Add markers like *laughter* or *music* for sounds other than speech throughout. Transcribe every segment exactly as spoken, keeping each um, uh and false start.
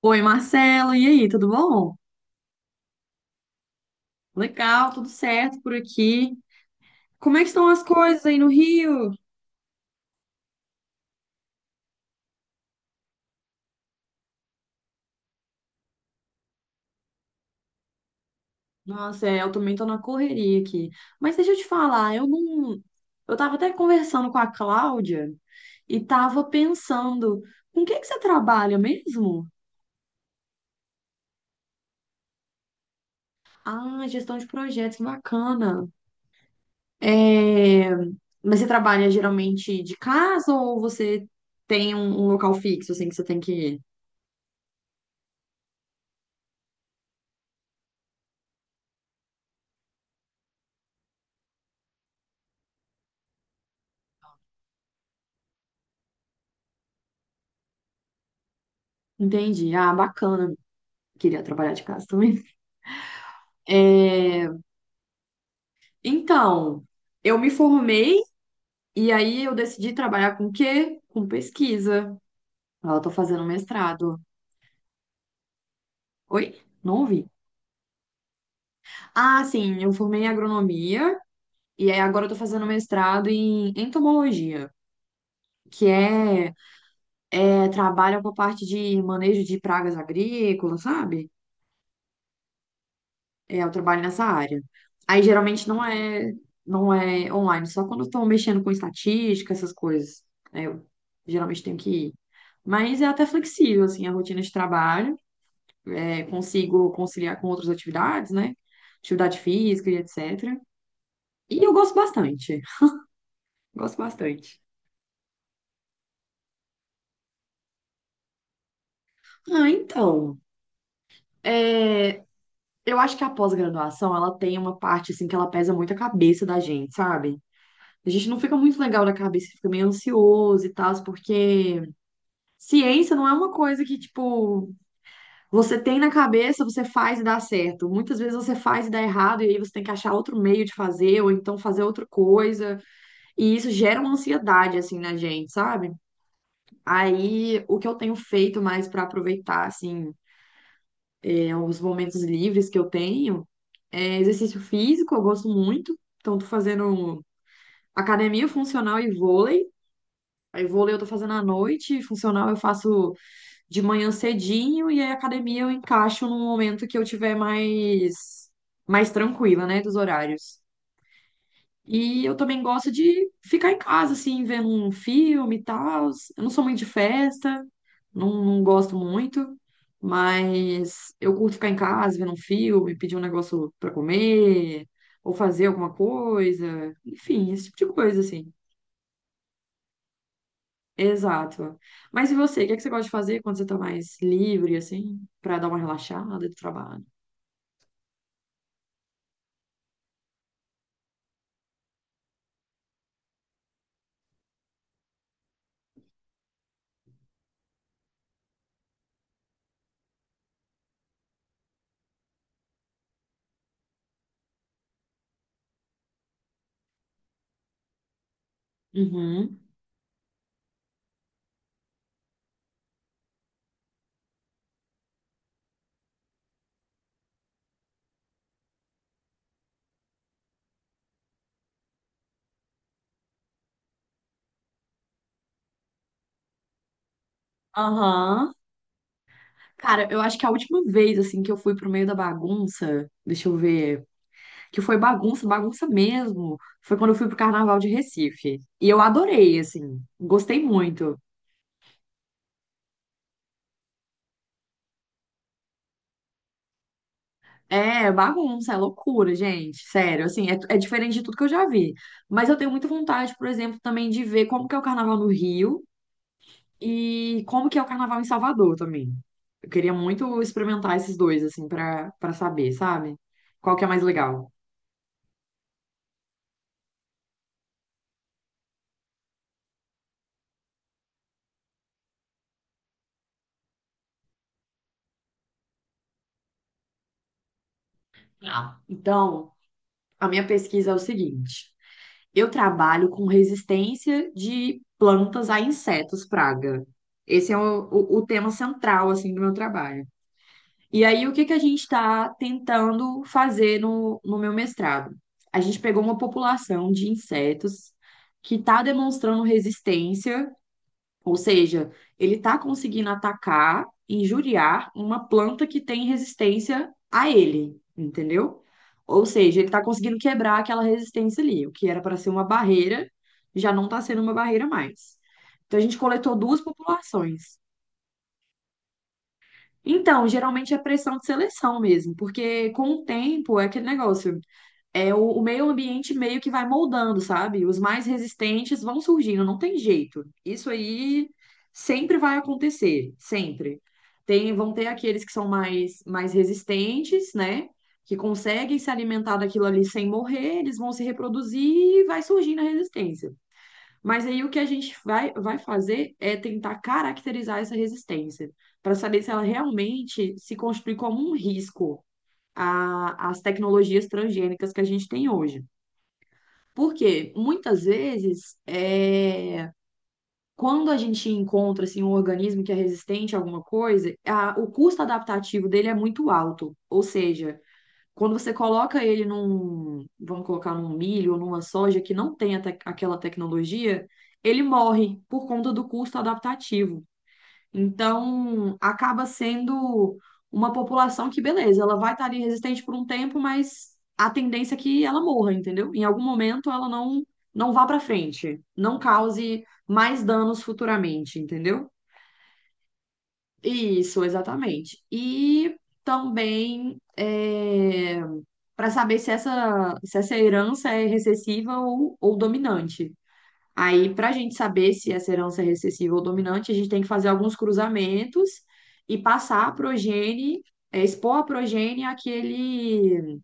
Oi, Marcelo, e aí, tudo bom? Legal, tudo certo por aqui. Como é que estão as coisas aí no Rio? Nossa, é, eu também tô na correria aqui. Mas deixa eu te falar, eu não. Eu tava até conversando com a Cláudia e tava pensando, com o que que você trabalha mesmo? Ah, gestão de projetos, que bacana. É, mas você trabalha geralmente de casa ou você tem um, um local fixo, assim, que você tem que ir? Entendi. Ah, bacana. Queria trabalhar de casa também. É, então, eu me formei e aí eu decidi trabalhar com o quê? Com pesquisa. Eu tô fazendo mestrado. Oi? Não ouvi. Ah, sim, eu formei em agronomia e aí agora eu tô fazendo mestrado em entomologia, que é, é trabalha com a parte de manejo de pragas agrícolas, sabe? É, eu trabalho nessa área. Aí geralmente não é, não é online, só quando estão mexendo com estatística, essas coisas. Aí eu geralmente tenho que ir. Mas é até flexível, assim, a rotina de trabalho. É, consigo conciliar com outras atividades, né? Atividade física e etcétera. E eu gosto bastante. Gosto bastante. Ah, então. É, eu acho que a pós-graduação, ela tem uma parte, assim, que ela pesa muito a cabeça da gente, sabe? A gente não fica muito legal da cabeça, fica meio ansioso e tal, porque ciência não é uma coisa que, tipo, você tem na cabeça, você faz e dá certo. Muitas vezes você faz e dá errado, e aí você tem que achar outro meio de fazer, ou então fazer outra coisa. E isso gera uma ansiedade, assim, na gente, sabe? Aí, o que eu tenho feito mais pra aproveitar, assim, é, os momentos livres que eu tenho, é exercício físico, eu gosto muito. Então, tô fazendo academia funcional e vôlei. Aí, vôlei eu tô fazendo à noite, funcional eu faço de manhã cedinho e aí a academia eu encaixo num momento que eu tiver mais mais tranquila, né, dos horários. E eu também gosto de ficar em casa, assim, vendo um filme e tal. Eu não sou muito de festa, não, não gosto muito, mas eu curto ficar em casa, vendo um filme, pedir um negócio para comer, ou fazer alguma coisa, enfim, esse tipo de coisa, assim. Exato. Mas e você, o que é que você gosta de fazer quando você tá mais livre, assim, pra dar uma relaxada do trabalho? Uhum. Aham. Cara, eu acho que a última vez, assim, que eu fui pro meio da bagunça, deixa eu ver, que foi bagunça, bagunça mesmo, foi quando eu fui pro Carnaval de Recife. E eu adorei, assim, gostei muito. É bagunça, é loucura, gente, sério, assim, é, é diferente de tudo que eu já vi. Mas eu tenho muita vontade, por exemplo, também de ver como que é o Carnaval no Rio, e como que é o carnaval em Salvador também? Eu queria muito experimentar esses dois, assim, para para saber, sabe? Qual que é mais legal? Ah. Então, a minha pesquisa é o seguinte: eu trabalho com resistência de plantas a insetos praga. Esse é o, o, o tema central, assim, do meu trabalho. E aí, o que que a gente está tentando fazer no, no meu mestrado? A gente pegou uma população de insetos que está demonstrando resistência. Ou seja, ele está conseguindo atacar, injuriar uma planta que tem resistência a ele, entendeu? Ou seja, ele está conseguindo quebrar aquela resistência ali, o que era para ser uma barreira, já não está sendo uma barreira mais. Então a gente coletou duas populações. Então, geralmente é pressão de seleção mesmo, porque com o tempo é aquele negócio, é o, o meio ambiente meio que vai moldando, sabe? Os mais resistentes vão surgindo, não tem jeito. Isso aí sempre vai acontecer, sempre. Tem, vão ter aqueles que são mais, mais resistentes, né? Que conseguem se alimentar daquilo ali sem morrer, eles vão se reproduzir e vai surgindo a resistência. Mas aí o que a gente vai, vai fazer é tentar caracterizar essa resistência, para saber se ela realmente se constitui como um risco a- as tecnologias transgênicas que a gente tem hoje. Porque muitas vezes, é, quando a gente encontra assim, um organismo que é resistente a alguma coisa, a- o custo adaptativo dele é muito alto. Ou seja, quando você coloca ele num, vamos colocar num milho ou numa soja que não tem a tec- aquela tecnologia, ele morre por conta do custo adaptativo. Então, acaba sendo uma população que, beleza, ela vai estar ali resistente por um tempo, mas a tendência é que ela morra, entendeu? Em algum momento ela não não vá para frente, não cause mais danos futuramente, entendeu? Isso, exatamente. E também para saber se essa, se essa, herança é recessiva ou, ou dominante. Aí, para a gente saber se essa herança é recessiva ou dominante, a gente tem que fazer alguns cruzamentos e passar a progenie, é, expor a progenie àquele,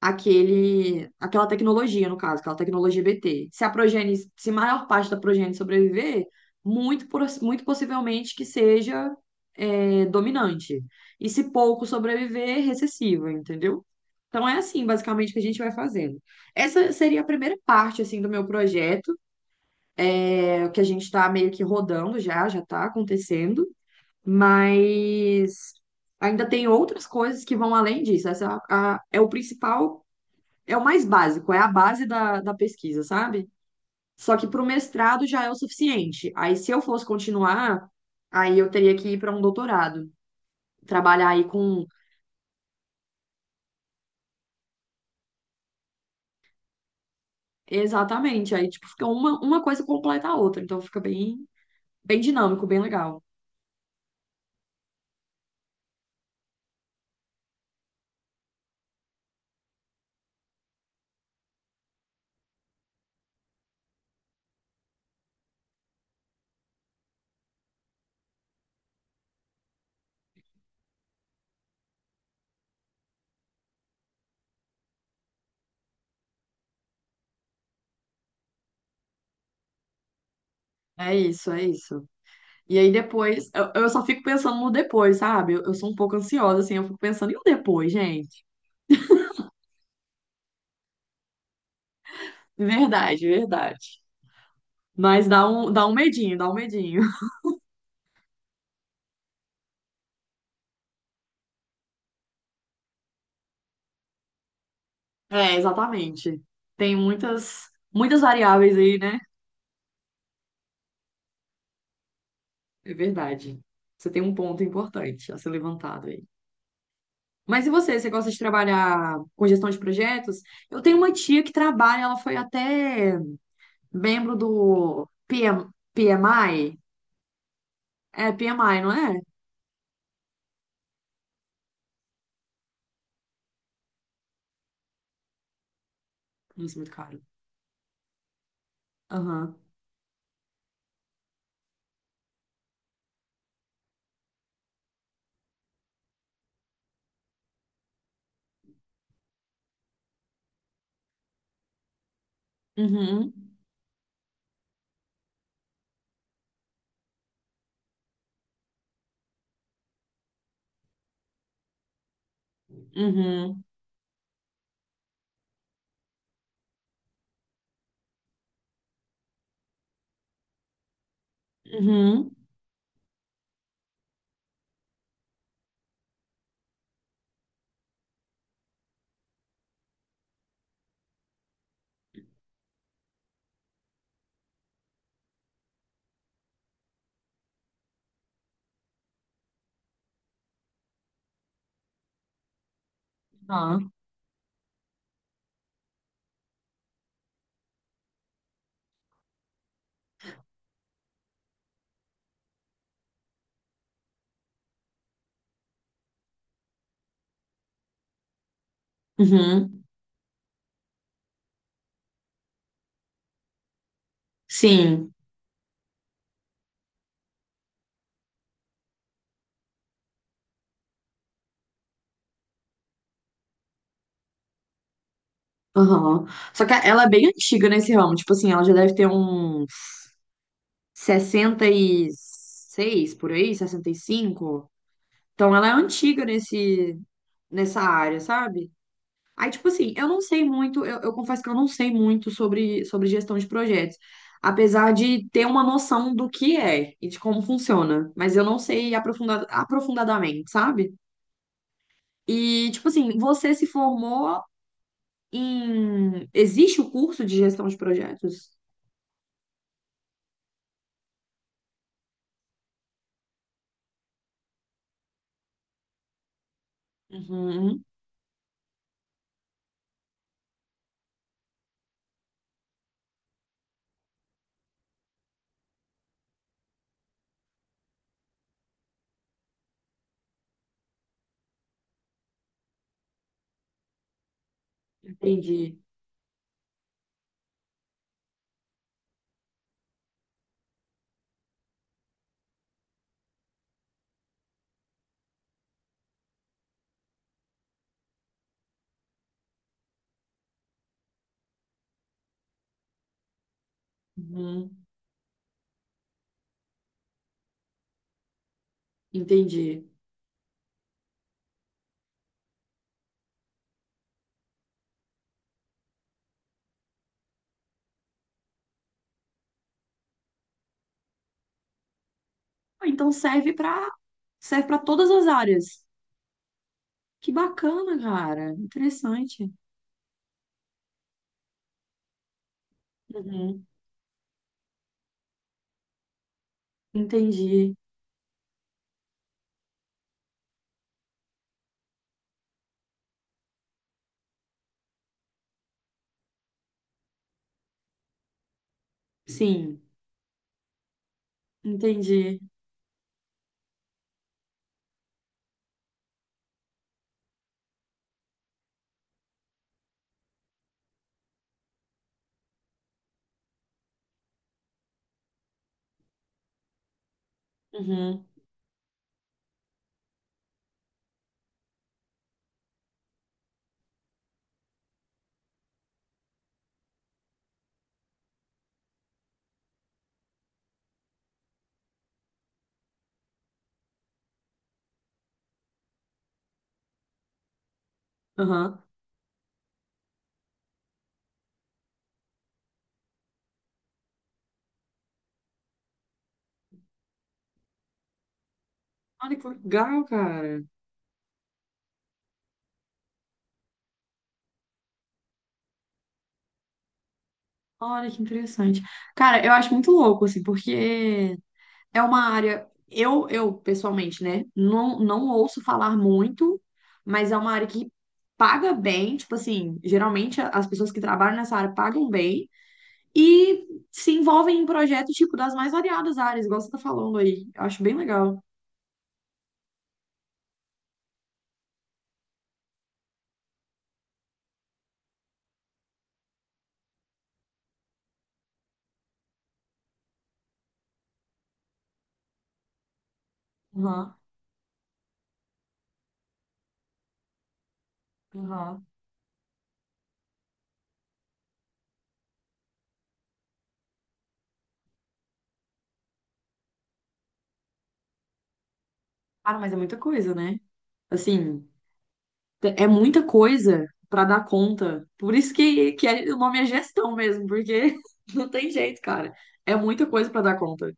àquele, àquela tecnologia, no caso, aquela tecnologia B T. Se a progenie, se a maior parte da progenie sobreviver, muito, pos- muito possivelmente que seja, é, dominante. E se pouco sobreviver, recessiva, entendeu? Então é assim, basicamente, que a gente vai fazendo. Essa seria a primeira parte, assim, do meu projeto. É o que a gente está meio que rodando já, já está acontecendo, mas ainda tem outras coisas que vão além disso. Essa é, a- a- é o principal, é o mais básico, é a base da, da pesquisa, sabe? Só que para o mestrado já é o suficiente. Aí, se eu fosse continuar, aí eu teria que ir para um doutorado, trabalhar aí com. Exatamente, aí tipo, fica uma, uma, coisa completa a outra, então fica bem, bem dinâmico, bem legal. É isso, é isso. E aí depois, eu, eu só fico pensando no depois, sabe? Eu, eu sou um pouco ansiosa, assim, eu fico pensando, e o depois, gente? Verdade, verdade. Mas dá um, dá um medinho, dá um medinho. *laughs* É, exatamente. Tem muitas, muitas variáveis aí, né? É verdade. Você tem um ponto importante a ser levantado aí. Mas e você? Você gosta de trabalhar com gestão de projetos? Eu tenho uma tia que trabalha, ela foi até membro do p p m P m i. É, p m i, não é? Nossa, muito caro. Aham. Uhum, uhum, uhum, ah, uhum, sim, aham. Só que ela é bem antiga nesse ramo, tipo assim, ela já deve ter uns sessenta e seis por aí, sessenta e cinco. Então ela é antiga nesse, nessa área, sabe? Aí, tipo assim, eu não sei muito, eu, eu confesso que eu não sei muito sobre, sobre gestão de projetos, apesar de ter uma noção do que é e de como funciona, mas eu não sei aprofunda, aprofundadamente, sabe? E, tipo assim, você se formou em. Existe o curso de gestão de projetos? Uhum, entendi. Uhum, entendi. Ah, então serve para serve para todas as áreas. Que bacana, cara. Interessante. Uhum, entendi. Sim, entendi. Uhum, uhum. Olha que legal, cara. Olha que interessante. Cara, eu acho muito louco, assim, porque é uma área, eu, eu pessoalmente, né, não, não ouço falar muito, mas é uma área que paga bem, tipo assim, geralmente a- as pessoas que trabalham nessa área pagam bem e se envolvem em projetos, tipo, das mais variadas áreas, igual você tá falando aí. Eu acho bem legal. Aham, aham. Cara, mas é muita coisa, né? Assim, te- é muita coisa pra dar conta. Por isso que, que é- o nome é gestão mesmo, porque *laughs* não tem jeito, cara. É muita coisa pra dar conta.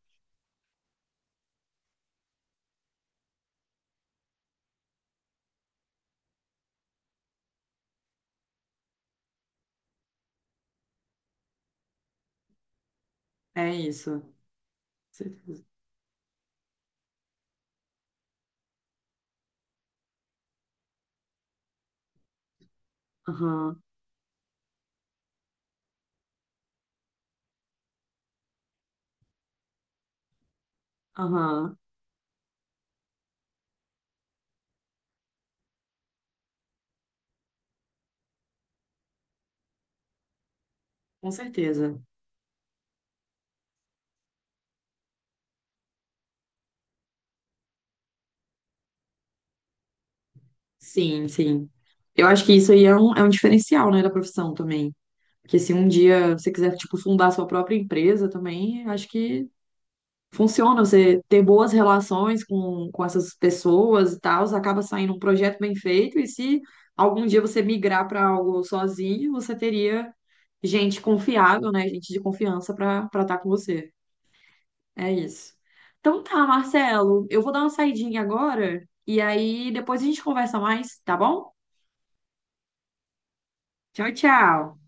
É isso. Aham, aham, com certeza. Sim, sim. Eu acho que isso aí é um, é um, diferencial, né, da profissão também. Porque se um dia você quiser, tipo, fundar sua própria empresa também, acho que funciona. Você ter boas relações com, com essas pessoas e tal, acaba saindo um projeto bem feito. E se algum dia você migrar para algo sozinho, você teria gente confiável, né, gente de confiança para para estar com você. É isso. Então tá, Marcelo, eu vou dar uma saidinha agora e aí depois a gente conversa mais, tá bom? Tchau, tchau.